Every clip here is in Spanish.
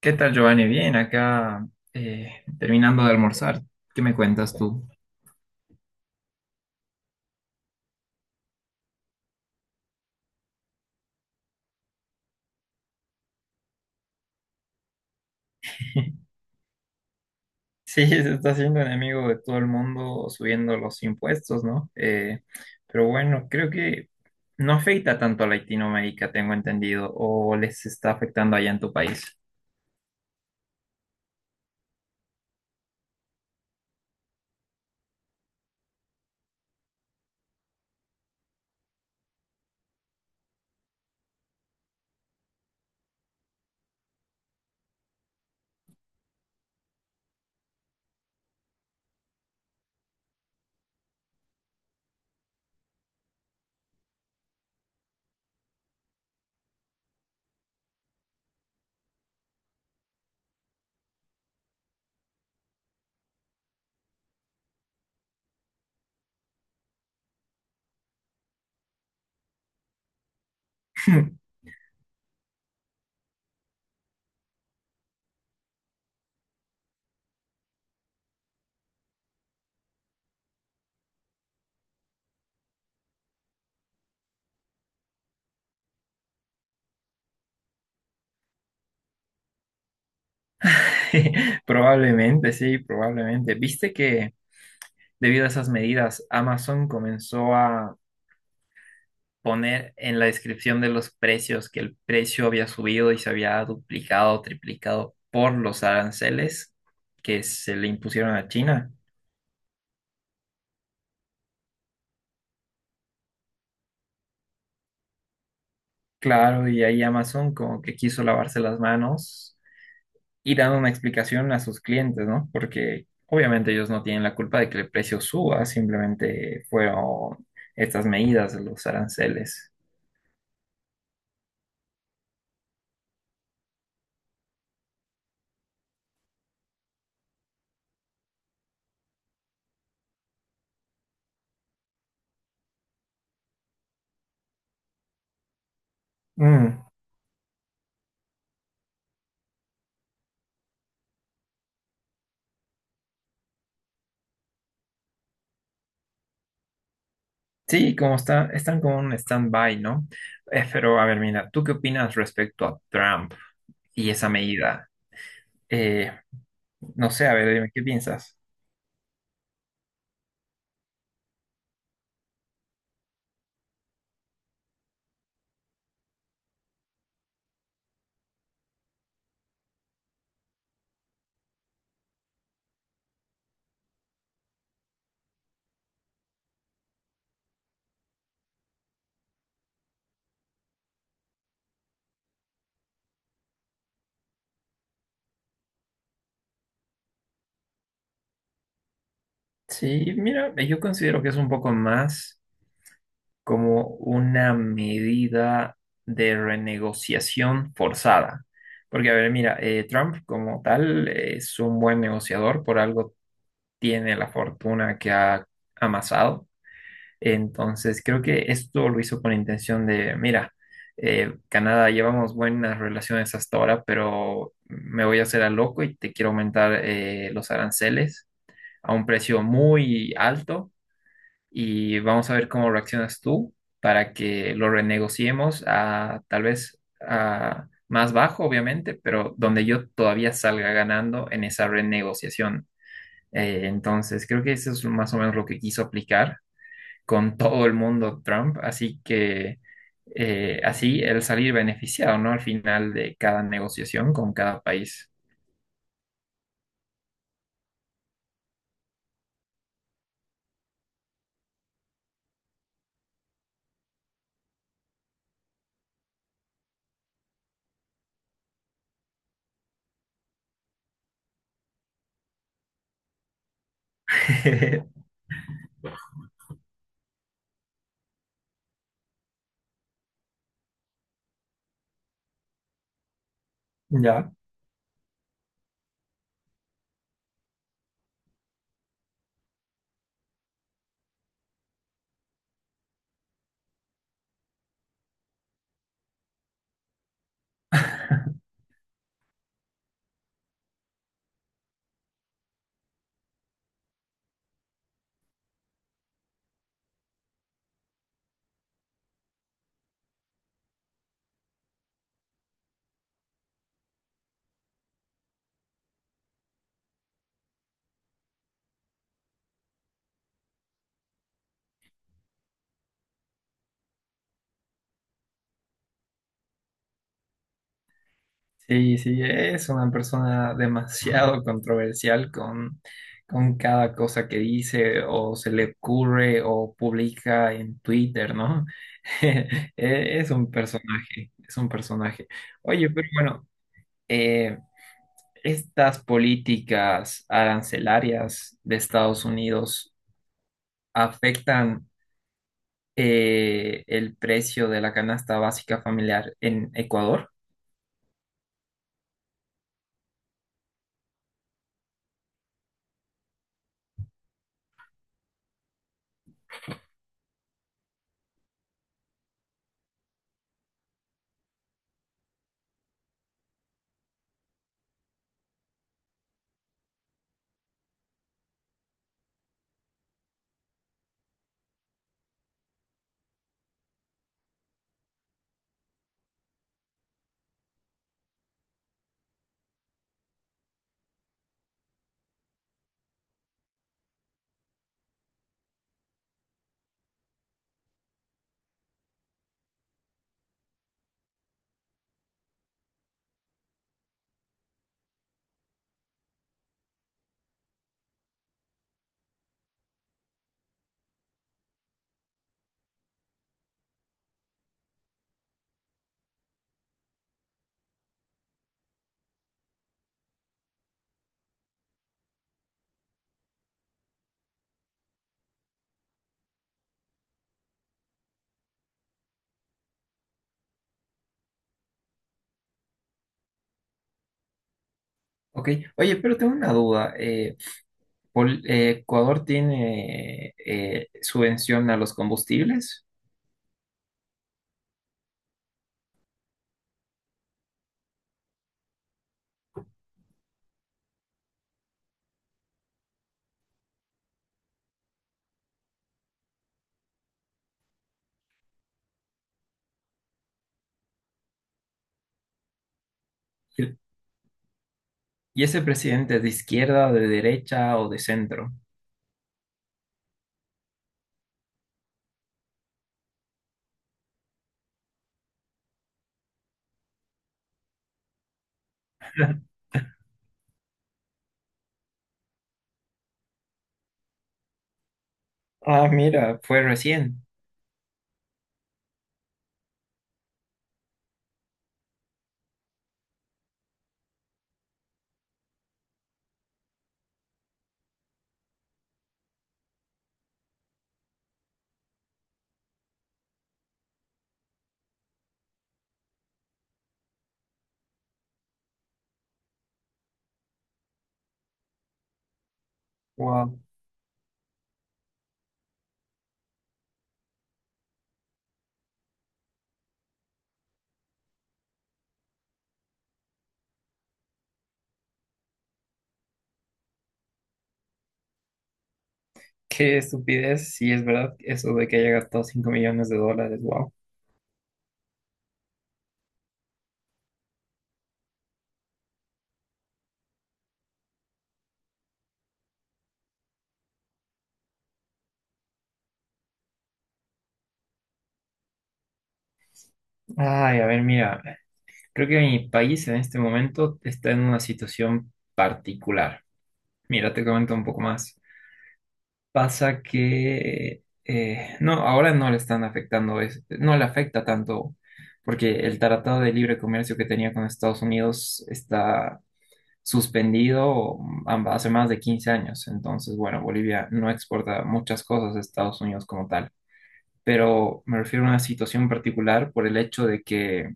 ¿Qué tal, Giovanni? Bien, acá eh, terminando de almorzar. ¿Qué me cuentas tú? Sí, se está haciendo enemigo de todo el mundo subiendo los impuestos, ¿no? Pero bueno, creo que no afecta tanto a Latinoamérica, tengo entendido, o les está afectando allá en tu país. Probablemente, sí, probablemente. ¿Viste que debido a esas medidas, Amazon comenzó a poner en la descripción de los precios que el precio había subido y se había duplicado o triplicado por los aranceles que se le impusieron a China? Claro, y ahí Amazon como que quiso lavarse las manos y dando una explicación a sus clientes, ¿no? Porque obviamente ellos no tienen la culpa de que el precio suba, simplemente fueron estas medidas de los aranceles. Mm. Sí, como está, están como en un stand-by, ¿no? Pero a ver, mira, ¿tú qué opinas respecto a Trump y esa medida? Eh, no sé, a ver, dime, ¿qué piensas? Sí, mira, yo considero que es un poco más como una medida de renegociación forzada. Porque, a ver, mira, Trump como tal es un buen negociador, por algo tiene la fortuna que ha amasado. Entonces, creo que esto lo hizo con intención de, mira, Canadá, llevamos buenas relaciones hasta ahora, pero me voy a hacer a loco y te quiero aumentar los aranceles a un precio muy alto y vamos a ver cómo reaccionas tú para que lo renegociemos a tal vez a más bajo, obviamente, pero donde yo todavía salga ganando en esa renegociación. Entonces, creo que eso es más o menos lo que quiso aplicar con todo el mundo Trump, así que así el salir beneficiado, ¿no? Al final de cada negociación con cada país. Ya. Sí, sí, es una persona demasiado controversial con cada cosa que dice o se le ocurre o publica en Twitter, ¿no? Eh, Es un personaje, es un personaje. Oye, pero bueno, eh, ¿estas políticas arancelarias de Estados Unidos afectan el precio de la canasta básica familiar en Ecuador? Ok, oye, pero tengo una duda. ¿Ecuador tiene subvención a los combustibles? ¿Y y ese presidente es de izquierda, de derecha o de centro? Ah, mira, fue recién. Wow, qué estupidez. Sí, es verdad, eso de que haya gastado 5 millones de dólares. Wow. Ay, a ver, mira, creo que mi país en este momento está en una situación particular. Mira, te comento un poco más. Pasa que, no, ahora no le están afectando, no le afecta tanto, porque el Tratado de Libre Comercio que tenía con Estados Unidos está suspendido hace más de 15 años. Entonces, bueno, Bolivia no exporta muchas cosas a Estados Unidos como tal. Pero me refiero a una situación particular por el hecho de que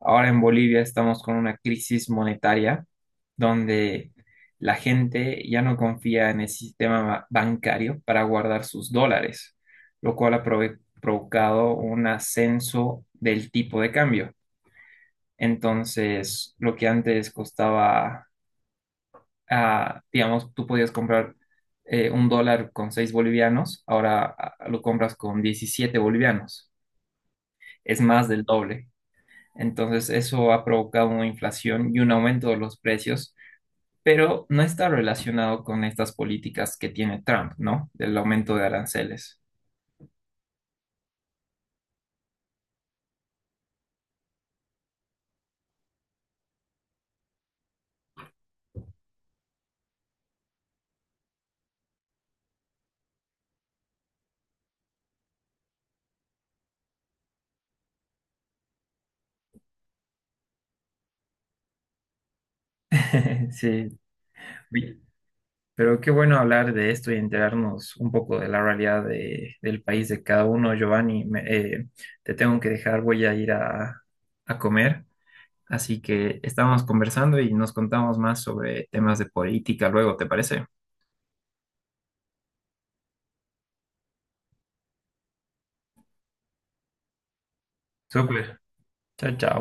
ahora en Bolivia estamos con una crisis monetaria donde la gente ya no confía en el sistema bancario para guardar sus dólares, lo cual ha provocado un ascenso del tipo de cambio. Entonces, lo que antes costaba, ah, digamos, tú podías comprar un dólar con 6 bolivianos, ahora ah, lo compras con 17 bolivianos. Es más del doble. Entonces, eso ha provocado una inflación y un aumento de los precios, pero no está relacionado con estas políticas que tiene Trump, ¿no? Del aumento de aranceles. Sí. Oye, pero qué bueno hablar de esto y enterarnos un poco de la realidad del país de cada uno. Giovanni, te tengo que dejar, voy a ir a comer. Así que estamos conversando y nos contamos más sobre temas de política luego, ¿te parece? Súper. Chao, chao.